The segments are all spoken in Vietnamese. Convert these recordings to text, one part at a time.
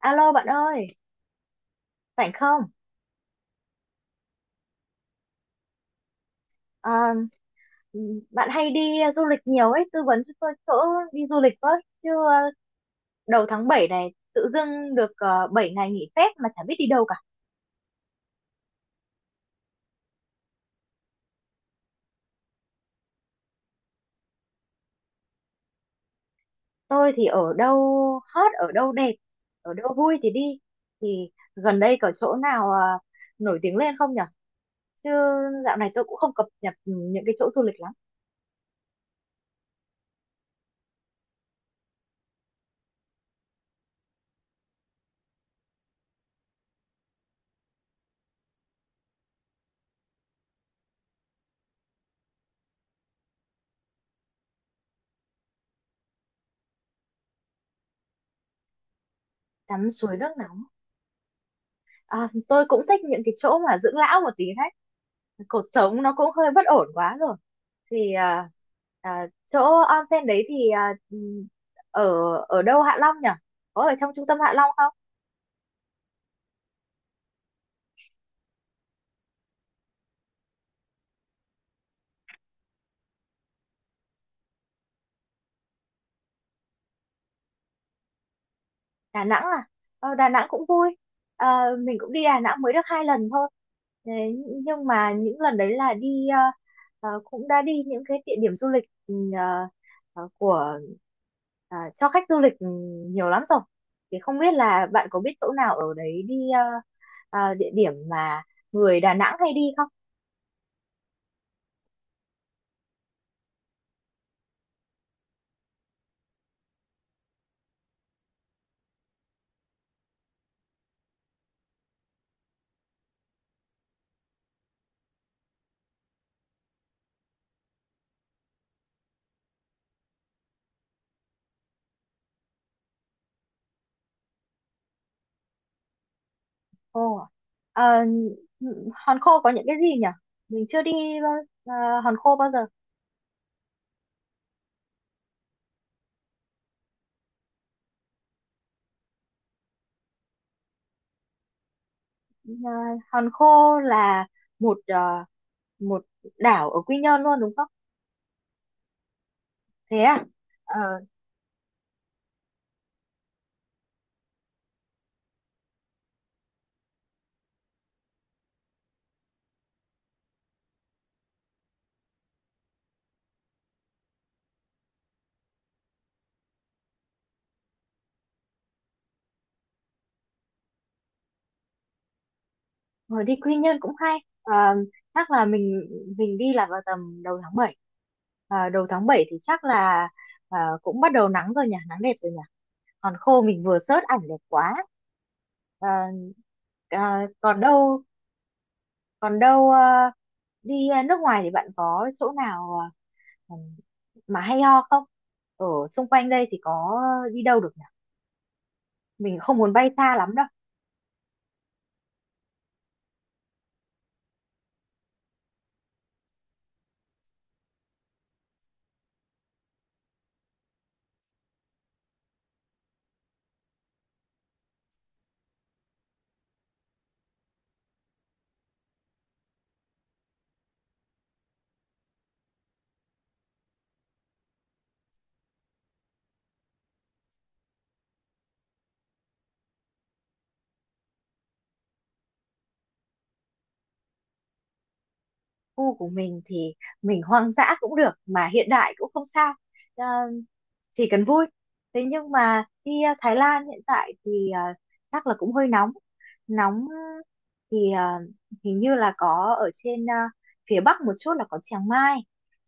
Alo bạn ơi, rảnh không? Ờ, Bạn hay đi du lịch nhiều ấy, tư vấn cho tôi chỗ đi du lịch với. Chứ đầu tháng 7 này tự dưng được 7 ngày nghỉ phép mà chả biết đi đâu cả. Tôi thì ở đâu hot, ở đâu đẹp, ở đâu vui thì đi. Thì gần đây có chỗ nào nổi tiếng lên không nhở? Chứ dạo này tôi cũng không cập nhật những cái chỗ du lịch lắm. Tắm suối nước nóng. À, tôi cũng thích những cái chỗ mà dưỡng lão một tí đấy. Cuộc sống nó cũng hơi bất ổn quá rồi. Thì à, chỗ onsen đấy thì ở ở đâu Hạ Long nhỉ? Có ở trong trung tâm Hạ Long không? Đà Nẵng à, ờ, Đà Nẵng cũng vui. Ờ, mình cũng đi Đà Nẵng mới được hai lần thôi. Thế nhưng mà những lần đấy là đi cũng đã đi những cái địa điểm du lịch của cho khách du lịch nhiều lắm rồi, thì không biết là bạn có biết chỗ nào ở đấy đi địa điểm mà người Đà Nẵng hay đi không? Ồ, ờ, ừ, Hòn Khô có những cái gì nhỉ, mình chưa đi bao- Hòn Khô bao giờ. Ờ, Hòn Khô là một ờ, một đảo ở Quy Nhơn luôn đúng không? Thế à? Ờ, hồi đi Quy Nhơn cũng hay. Ờ, chắc là mình đi là vào tầm đầu tháng 7. Ờ, đầu tháng 7 thì chắc là cũng bắt đầu nắng rồi nhỉ, nắng đẹp rồi nhỉ. Hòn Khô mình vừa search ảnh đẹp quá. Ờ, ờ, Còn đâu, còn đâu đi nước ngoài thì bạn có chỗ nào ờ, mà hay ho không, ở xung quanh đây thì có đi đâu được nhỉ, mình không muốn bay xa lắm đâu. Khu của mình thì mình hoang dã cũng được mà hiện đại cũng không sao. Ờ, chỉ cần vui. Thế nhưng mà đi Thái Lan hiện tại thì chắc là cũng hơi nóng nóng thì hình như là có ở trên phía bắc một chút là có Chiang Mai.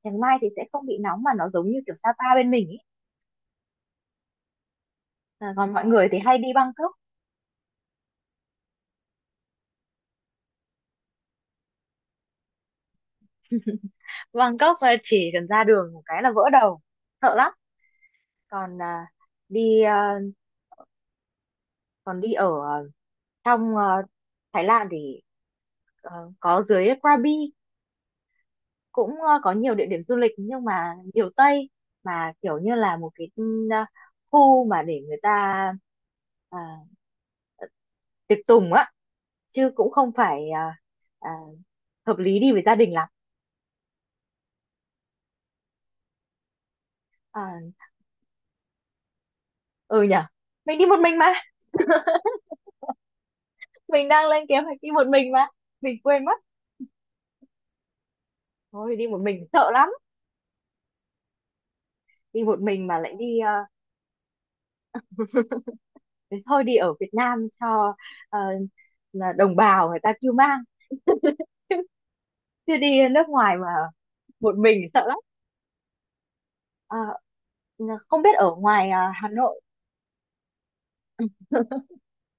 Chiang Mai thì sẽ không bị nóng mà nó giống như kiểu Sapa bên mình ý. Ờ, còn mọi người thì hay đi Bangkok. Bangkok chỉ cần ra đường một cái là vỡ đầu, sợ lắm. Còn đi à, còn đi ở trong à, Thái Lan thì có dưới Krabi cũng có nhiều địa điểm du lịch nhưng mà nhiều Tây, mà kiểu như là một cái khu mà để người ta à, tiệc tùng á, chứ cũng không phải à, hợp lý đi với gia đình lắm. à, ừ nhở, mình đi một mình mà, mình đang lên kế hoạch đi một mình mà, mình quên mất. Thôi đi một mình sợ lắm, đi một mình mà lại đi ờ, thế thôi đi ở Việt Nam cho ờ, là đồng bào người ta kêu mang chứ, chứ đi nước ngoài mà một mình sợ lắm. Ờ, không biết ở ngoài Hà Nội, ừ,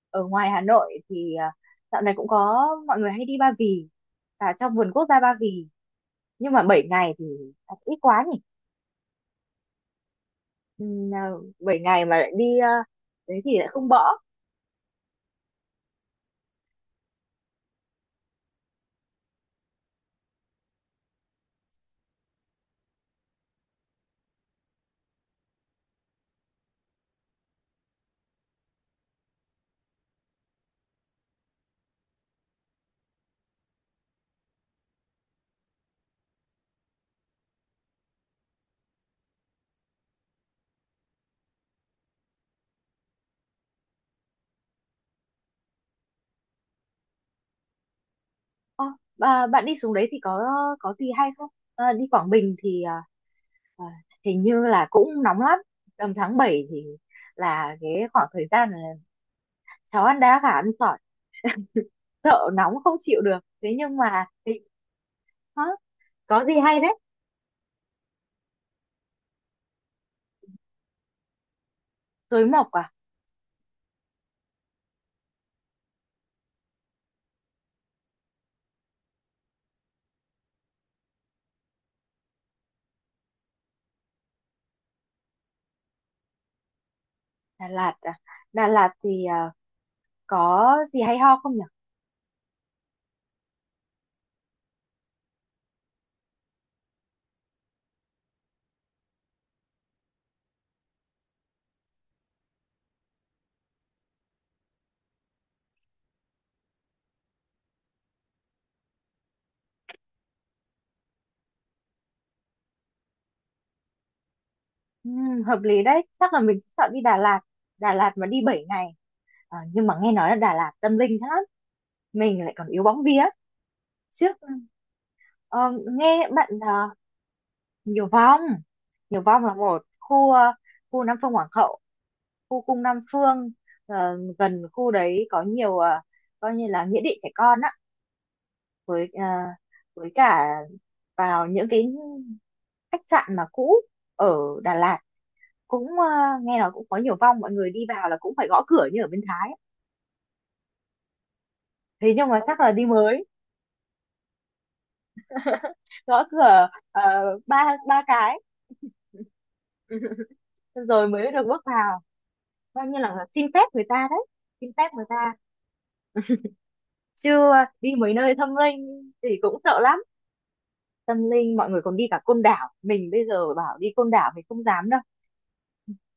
ở ngoài Hà Nội thì dạo này cũng có mọi người hay đi Ba Vì, cả trong vườn quốc gia Ba Vì, nhưng mà 7 ngày thì ít quá nhỉ. Ừm, à, 7 ngày mà lại đi đấy thì lại không bỏ. Ờ, bạn đi xuống đấy thì có gì hay không? Ờ, đi Quảng Bình thì Ờ, hình như là cũng nóng lắm, tầm tháng 7 thì là cái khoảng thời gian là cháu ăn đá gà ăn sỏi, sợ nóng không chịu được, thế nhưng mà thì hả? Có gì hay đấy. Tối mộc à. Đà Lạt à, Đà Lạt thì có gì hay ho không nhỉ? Hợp lý đấy, chắc là mình sẽ chọn đi Đà Lạt. Đà Lạt mà đi 7 ngày. Ờ, nhưng mà nghe nói là Đà Lạt tâm linh thế lắm, mình lại còn yếu bóng vía trước, ờ, nghe bạn Nhiều Vong. Nhiều Vong là một khu khu Nam Phương Hoàng Hậu, khu cung Nam Phương, gần khu đấy có nhiều coi như là nghĩa địa trẻ con á, với với cả vào những cái khách sạn mà cũ ở Đà Lạt cũng nghe nói cũng có nhiều vong, mọi người đi vào là cũng phải gõ cửa như ở bên Thái. Thế nhưng mà chắc là đi mới gõ cửa, ba ba cái rồi mới được bước vào, coi như là xin phép người ta đấy, xin phép người ta. Chưa đi mấy nơi thâm linh thì cũng sợ lắm. Tâm linh mọi người còn đi cả Côn Đảo, mình bây giờ bảo đi Côn Đảo mình không dám đâu,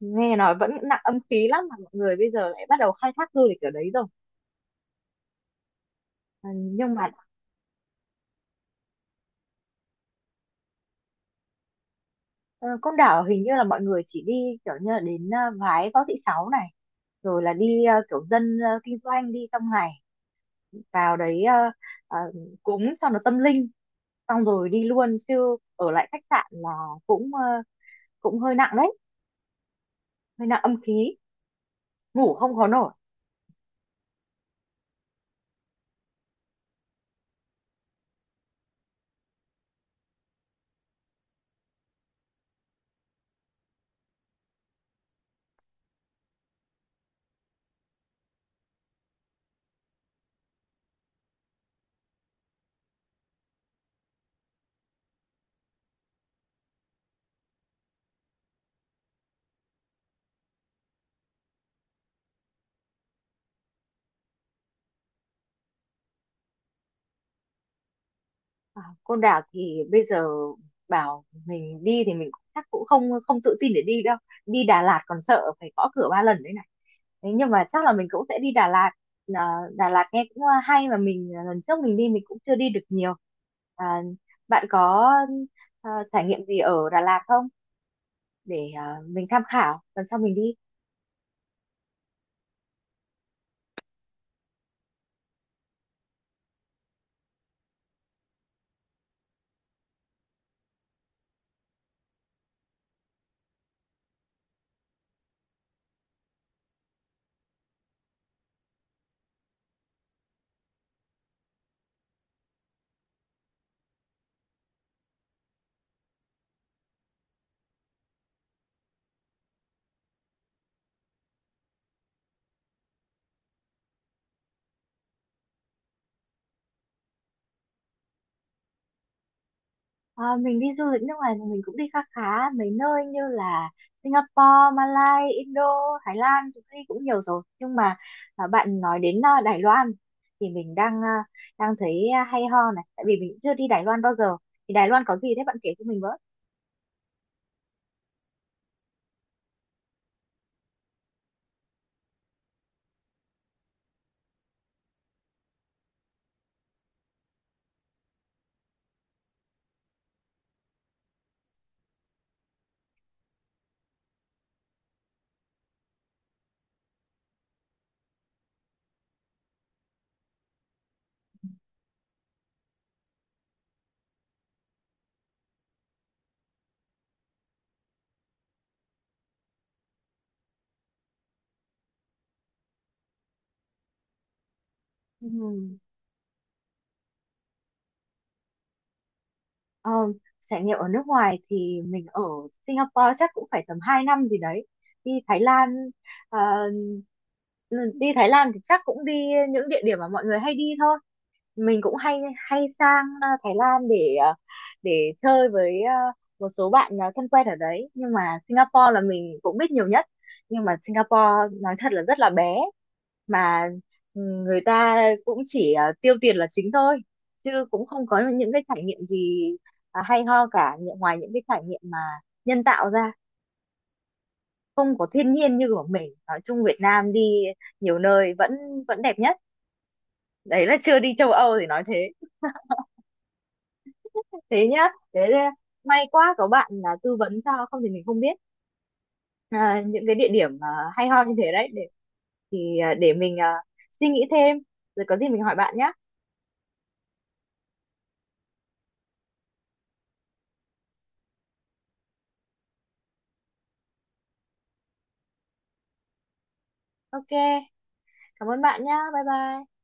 nghe nói vẫn nặng âm khí lắm mà mọi người bây giờ lại bắt đầu khai thác du lịch ở đấy rồi. Ờ, nhưng mà ờ, Côn Đảo hình như là mọi người chỉ đi kiểu như là đến Vái Võ Thị Sáu này, rồi là đi kiểu dân kinh doanh đi trong ngày, vào đấy ờ, cúng cho nó tâm linh, xong rồi đi luôn chứ ở lại khách sạn là cũng cũng hơi nặng đấy, hơi nặng âm khí, ngủ không có nổi. À, Côn Đảo thì bây giờ bảo mình đi thì mình cũng chắc cũng không không tự tin để đi đâu. Đi Đà Lạt còn sợ phải gõ cửa ba lần đấy này. Thế nhưng mà chắc là mình cũng sẽ đi Đà Lạt. À, Đà Lạt nghe cũng hay mà mình, lần trước mình đi mình cũng chưa đi được nhiều. À, bạn có trải nghiệm gì ở Đà Lạt không để mình tham khảo lần sau mình đi. Ờ, mình đi du lịch nước ngoài thì mình cũng đi khá khá mấy nơi như là Singapore, Malaysia, Indo, Thái Lan cũng đi cũng nhiều rồi. Nhưng mà bạn nói đến Đài Loan thì mình đang đang thấy hay ho này, tại vì mình cũng chưa đi Đài Loan bao giờ. Thì Đài Loan có gì thế bạn kể cho mình với. Ừm, ờ, Trải nghiệm ở nước ngoài thì mình ở Singapore chắc cũng phải tầm 2 năm gì đấy. Đi Thái Lan, à, đi Thái Lan thì chắc cũng đi những địa điểm mà mọi người hay đi thôi. Mình cũng hay hay sang Thái Lan để để chơi với một số bạn thân quen ở đấy, nhưng mà Singapore là mình cũng biết nhiều nhất. Nhưng mà Singapore nói thật là rất là bé mà ừ, người ta cũng chỉ tiêu tiền là chính thôi, chứ cũng không có những cái trải nghiệm gì hay ho cả, những- ngoài những cái trải nghiệm mà nhân tạo ra, không có thiên nhiên như của mình. Nói chung Việt Nam đi nhiều nơi vẫn vẫn đẹp nhất, đấy là chưa đi châu Âu thì nói thế. Thế nhá, thế là may quá có bạn là tư vấn cho, không thì mình không biết những cái địa điểm hay ho như thế đấy để thì để mình suy nghĩ thêm, rồi có gì mình hỏi bạn nhá. Ok, cảm ơn bạn nhá, bye bye.